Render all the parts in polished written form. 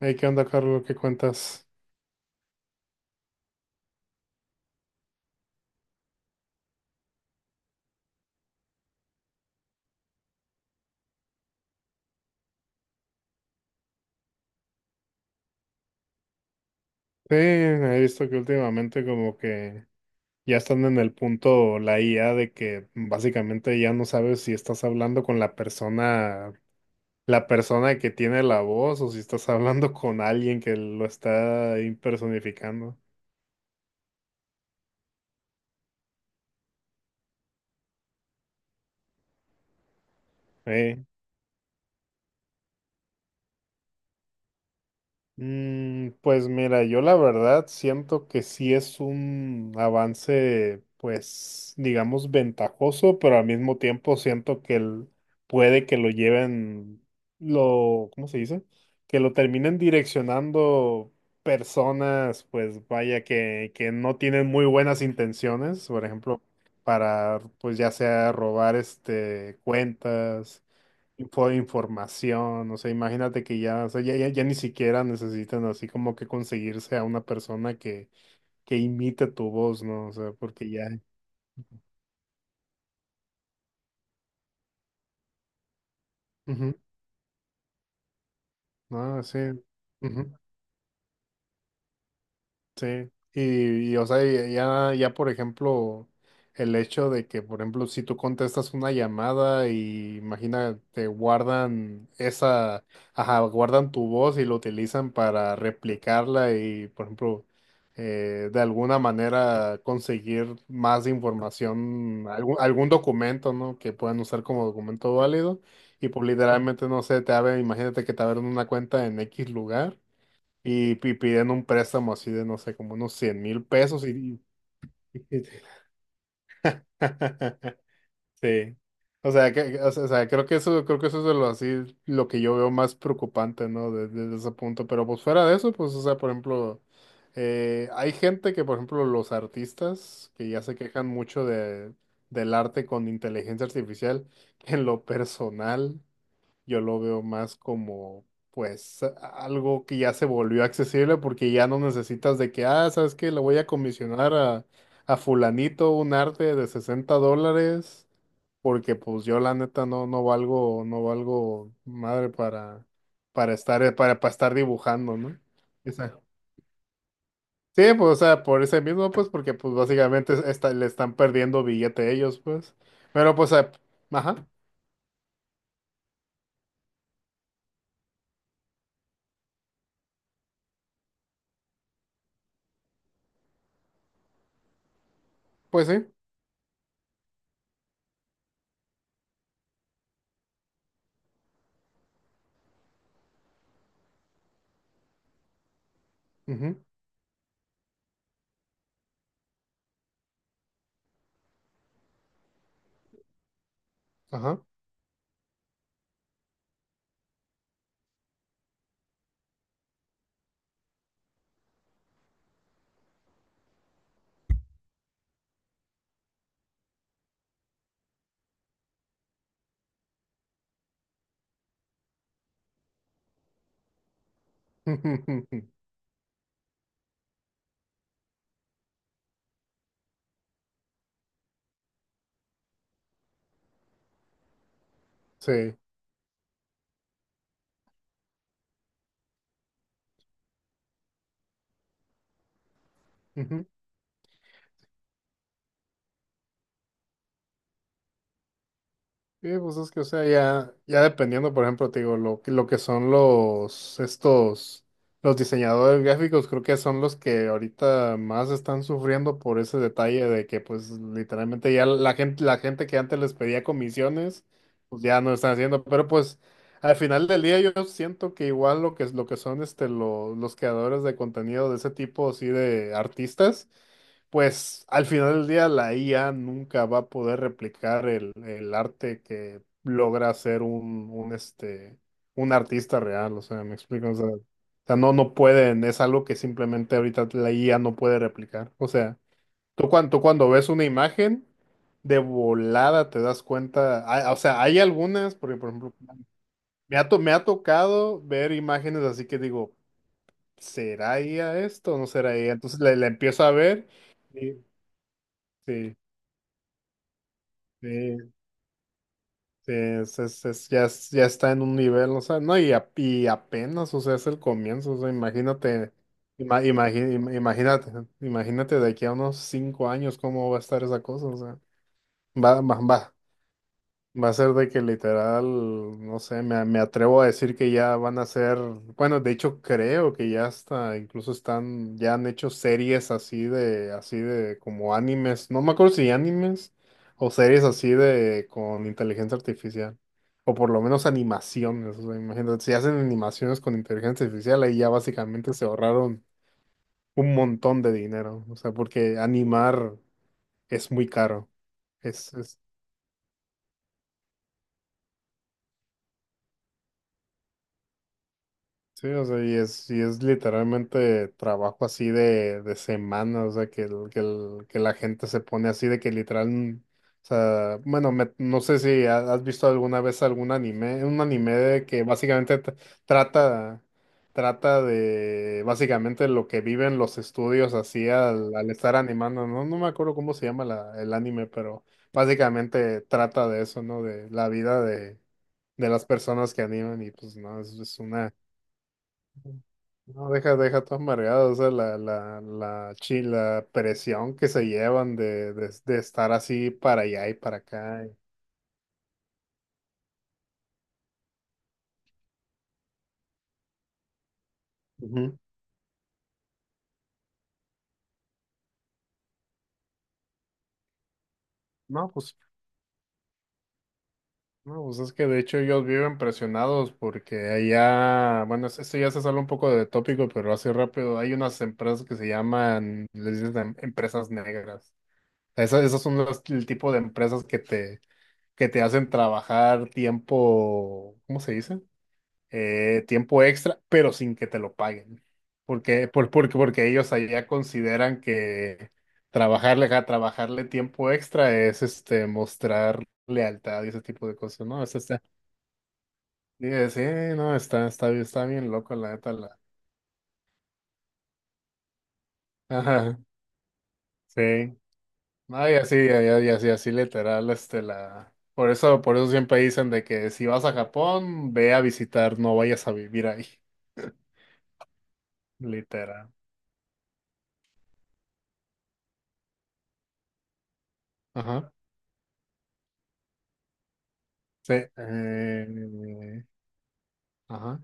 Hey, ¿qué onda, Carlos? ¿Qué cuentas? Sí, he visto que últimamente como que ya están en el punto la IA de que básicamente ya no sabes si estás hablando con la persona que tiene la voz, o si estás hablando con alguien que lo está impersonificando. Sí. Pues mira, yo la verdad siento que sí es un avance, pues digamos ventajoso, pero al mismo tiempo siento que puede que lo lleven, lo, ¿cómo se dice? Que lo terminen direccionando personas, pues vaya, que no tienen muy buenas intenciones. Por ejemplo, para, pues ya sea robar cuentas, información. O sea, imagínate que ya, o sea, ya ni siquiera necesitan así como que conseguirse a una persona que imite tu voz, ¿no? O sea, porque ya, ujú, no, sí, ujú. Sí, o sea, ya por ejemplo, el hecho de que, por ejemplo, si tú contestas una llamada y imagina, te guardan esa, ajá, guardan tu voz y lo utilizan para replicarla. Y, por ejemplo, de alguna manera conseguir más información, algún documento, ¿no? Que puedan usar como documento válido, y pues literalmente, no sé, te abren, imagínate que te abren una cuenta en X lugar. Y, piden un préstamo así de, no sé, como unos 100 mil pesos y- Sí. O sea, o sea, creo que eso es de lo así, lo que yo veo más preocupante, ¿no? Desde ese punto. Pero pues fuera de eso, pues, o sea, por ejemplo, hay gente que, por ejemplo, los artistas que ya se quejan mucho de, del arte con inteligencia artificial, que en lo personal, yo lo veo más como, pues, algo que ya se volvió accesible, porque ya no necesitas de que, ah, ¿sabes qué? Le voy a comisionar a fulanito un arte de $60, porque, pues, yo la neta no, no valgo madre para, estar, para estar dibujando, ¿no? Exacto. Sí, pues, o sea, por ese mismo, pues, porque, pues, básicamente le están perdiendo billete ellos, pues. Pero, pues, ajá, pues sí. Ujú, ajá. Sí. Ujú. Sí, pues es que, o sea, ya dependiendo, por ejemplo, te digo, lo que son los, los diseñadores gráficos. Creo que son los que ahorita más están sufriendo por ese detalle, de que, pues, literalmente ya la gente que antes les pedía comisiones, pues ya no lo están haciendo. Pero pues, al final del día, yo siento que igual lo que son, los creadores de contenido de ese tipo, así de artistas, pues al final del día la IA nunca va a poder replicar el arte que logra hacer un artista real. O sea, me explico, o sea, no, no pueden. Es algo que simplemente ahorita la IA no puede replicar. O sea, tú cuando ves una imagen, de volada te das cuenta, ah, o sea, hay algunas, porque por ejemplo, me ha tocado ver imágenes así que digo, ¿será IA esto o no será IA? Entonces la empiezo a ver. y- Sí, sí, sí, es, ya, ya está en un nivel, o sea, no. Y, y apenas, o sea, es el comienzo. O sea, imagínate, ima- imagi- im- imagínate, imagínate de aquí a unos 5 años cómo va a estar esa cosa. O sea, va, va, va. Va a ser de que literal, no sé, me atrevo a decir que ya van a ser, bueno, de hecho creo que ya hasta incluso están, ya han hecho series así de como animes. No me acuerdo si animes o series así de con inteligencia artificial, o por lo menos animaciones. O sea, imagínate, si hacen animaciones con inteligencia artificial, ahí ya básicamente se ahorraron un montón de dinero. O sea, porque animar es muy caro. Es Sí. O sea, y es literalmente trabajo así de semana. O sea, que la gente se pone así de que literal, o sea, bueno, no sé si has visto alguna vez algún anime, un anime de que básicamente trata, trata de básicamente lo que viven los estudios así al estar animando. No, no me acuerdo cómo se llama el anime, pero básicamente trata de eso, ¿no? De la vida de las personas que animan. Y pues no, es una... No, deja, deja todo amargado. O sea, la presión que se llevan de, de estar así para allá y para acá. Ujú. No, pues, no, pues es que de hecho ellos viven presionados, porque allá, bueno, esto ya se sale un poco de tópico, pero así rápido, hay unas empresas que se llaman, les dicen empresas negras. Esas, esas son el tipo de empresas que te hacen trabajar tiempo, ¿cómo se dice? Tiempo extra, pero sin que te lo paguen. Porque, porque ellos allá consideran que trabajarle, trabajarle tiempo extra es este mostrar lealtad y ese tipo de cosas, ¿no? Eso está, y, sí, no, está, está bien loco, la neta, la. Ajá, sí. No, y así así literal, este, la. Por eso siempre dicen de que, si vas a Japón, ve a visitar, no vayas a vivir ahí. Literal. Ajá. Sí. Ajá.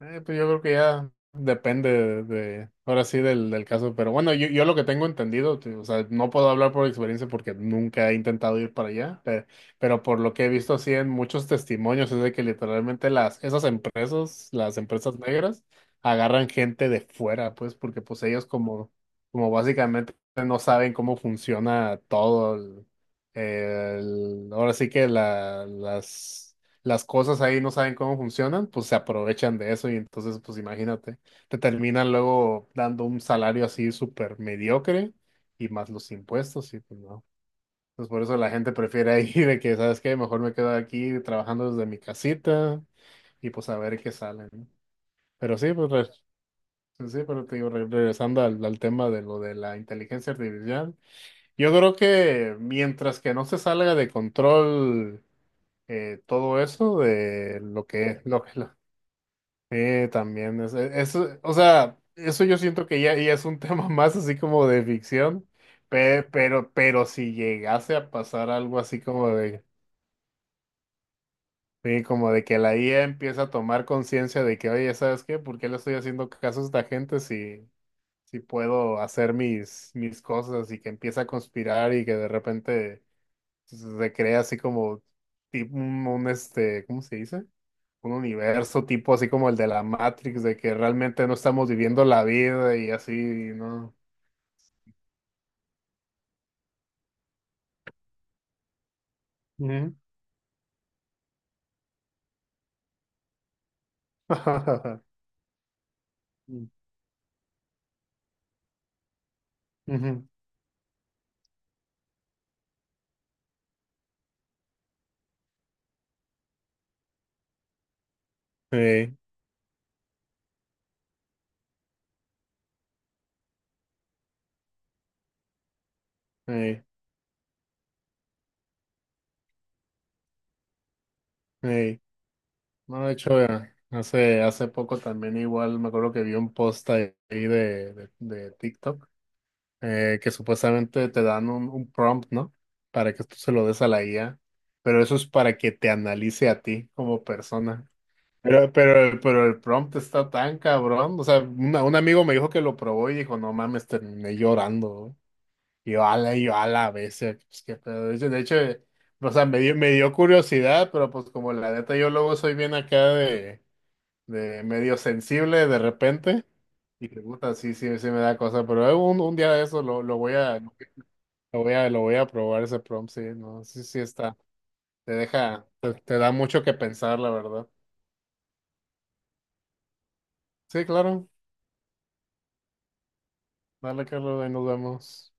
Pues yo creo que ya depende de, ahora sí del, del caso. Pero bueno, yo lo que tengo entendido, o sea, no puedo hablar por experiencia porque nunca he intentado ir para allá, pero, por lo que he visto así en muchos testimonios, es de que literalmente las, esas empresas, las empresas negras, agarran gente de fuera, pues, porque pues ellos como, como básicamente no saben cómo funciona todo ahora sí que la, las cosas ahí, no saben cómo funcionan, pues se aprovechan de eso. Y entonces, pues imagínate, te terminan luego dando un salario así súper mediocre, y más los impuestos, y pues no. Entonces por eso la gente prefiere ahí de que, ¿sabes qué? Mejor me quedo aquí trabajando desde mi casita, y pues a ver qué sale, ¿no? Pero sí, pues pues, sí, pero te digo, regresando al tema de lo de la inteligencia artificial, yo creo que mientras que no se salga de control, todo eso de... Sí, también. Eso, o sea, eso yo siento que ya, ya es un tema más así como de ficción. Pero, si llegase a pasar algo así como de, sí, como de que la IA empieza a tomar conciencia de que, oye, ¿sabes qué? ¿Por qué le estoy haciendo caso a esta gente, si, si puedo hacer mis cosas? Y que empieza a conspirar, y que de repente recrea así como tipo ¿cómo se dice? Un universo tipo así como el de la Matrix, de que realmente no estamos viviendo la vida y así, ¿no? Ujú. Ujú. Ey, ey, ey. No, de hecho, hace poco también igual me acuerdo que vi un post ahí de, TikTok, que supuestamente te dan un prompt, ¿no? Para que tú se lo des a la IA, pero eso es para que te analice a ti como persona. Pero el prompt está tan cabrón. O sea, un amigo me dijo que lo probó y dijo, no mames, terminé llorando. Y yo, ala, a veces. Pues, qué pedo. De hecho, o sea, me dio curiosidad, pero pues como la neta yo luego soy bien acá de, medio sensible de repente. Y que puta, sí, sí, sí me da cosa. Pero un día de eso lo voy a probar ese prompt. Sí, no, sí, sí está. Te deja, te da mucho que pensar, la verdad. Sí, claro. Dale, Carlos, ahí nos vemos.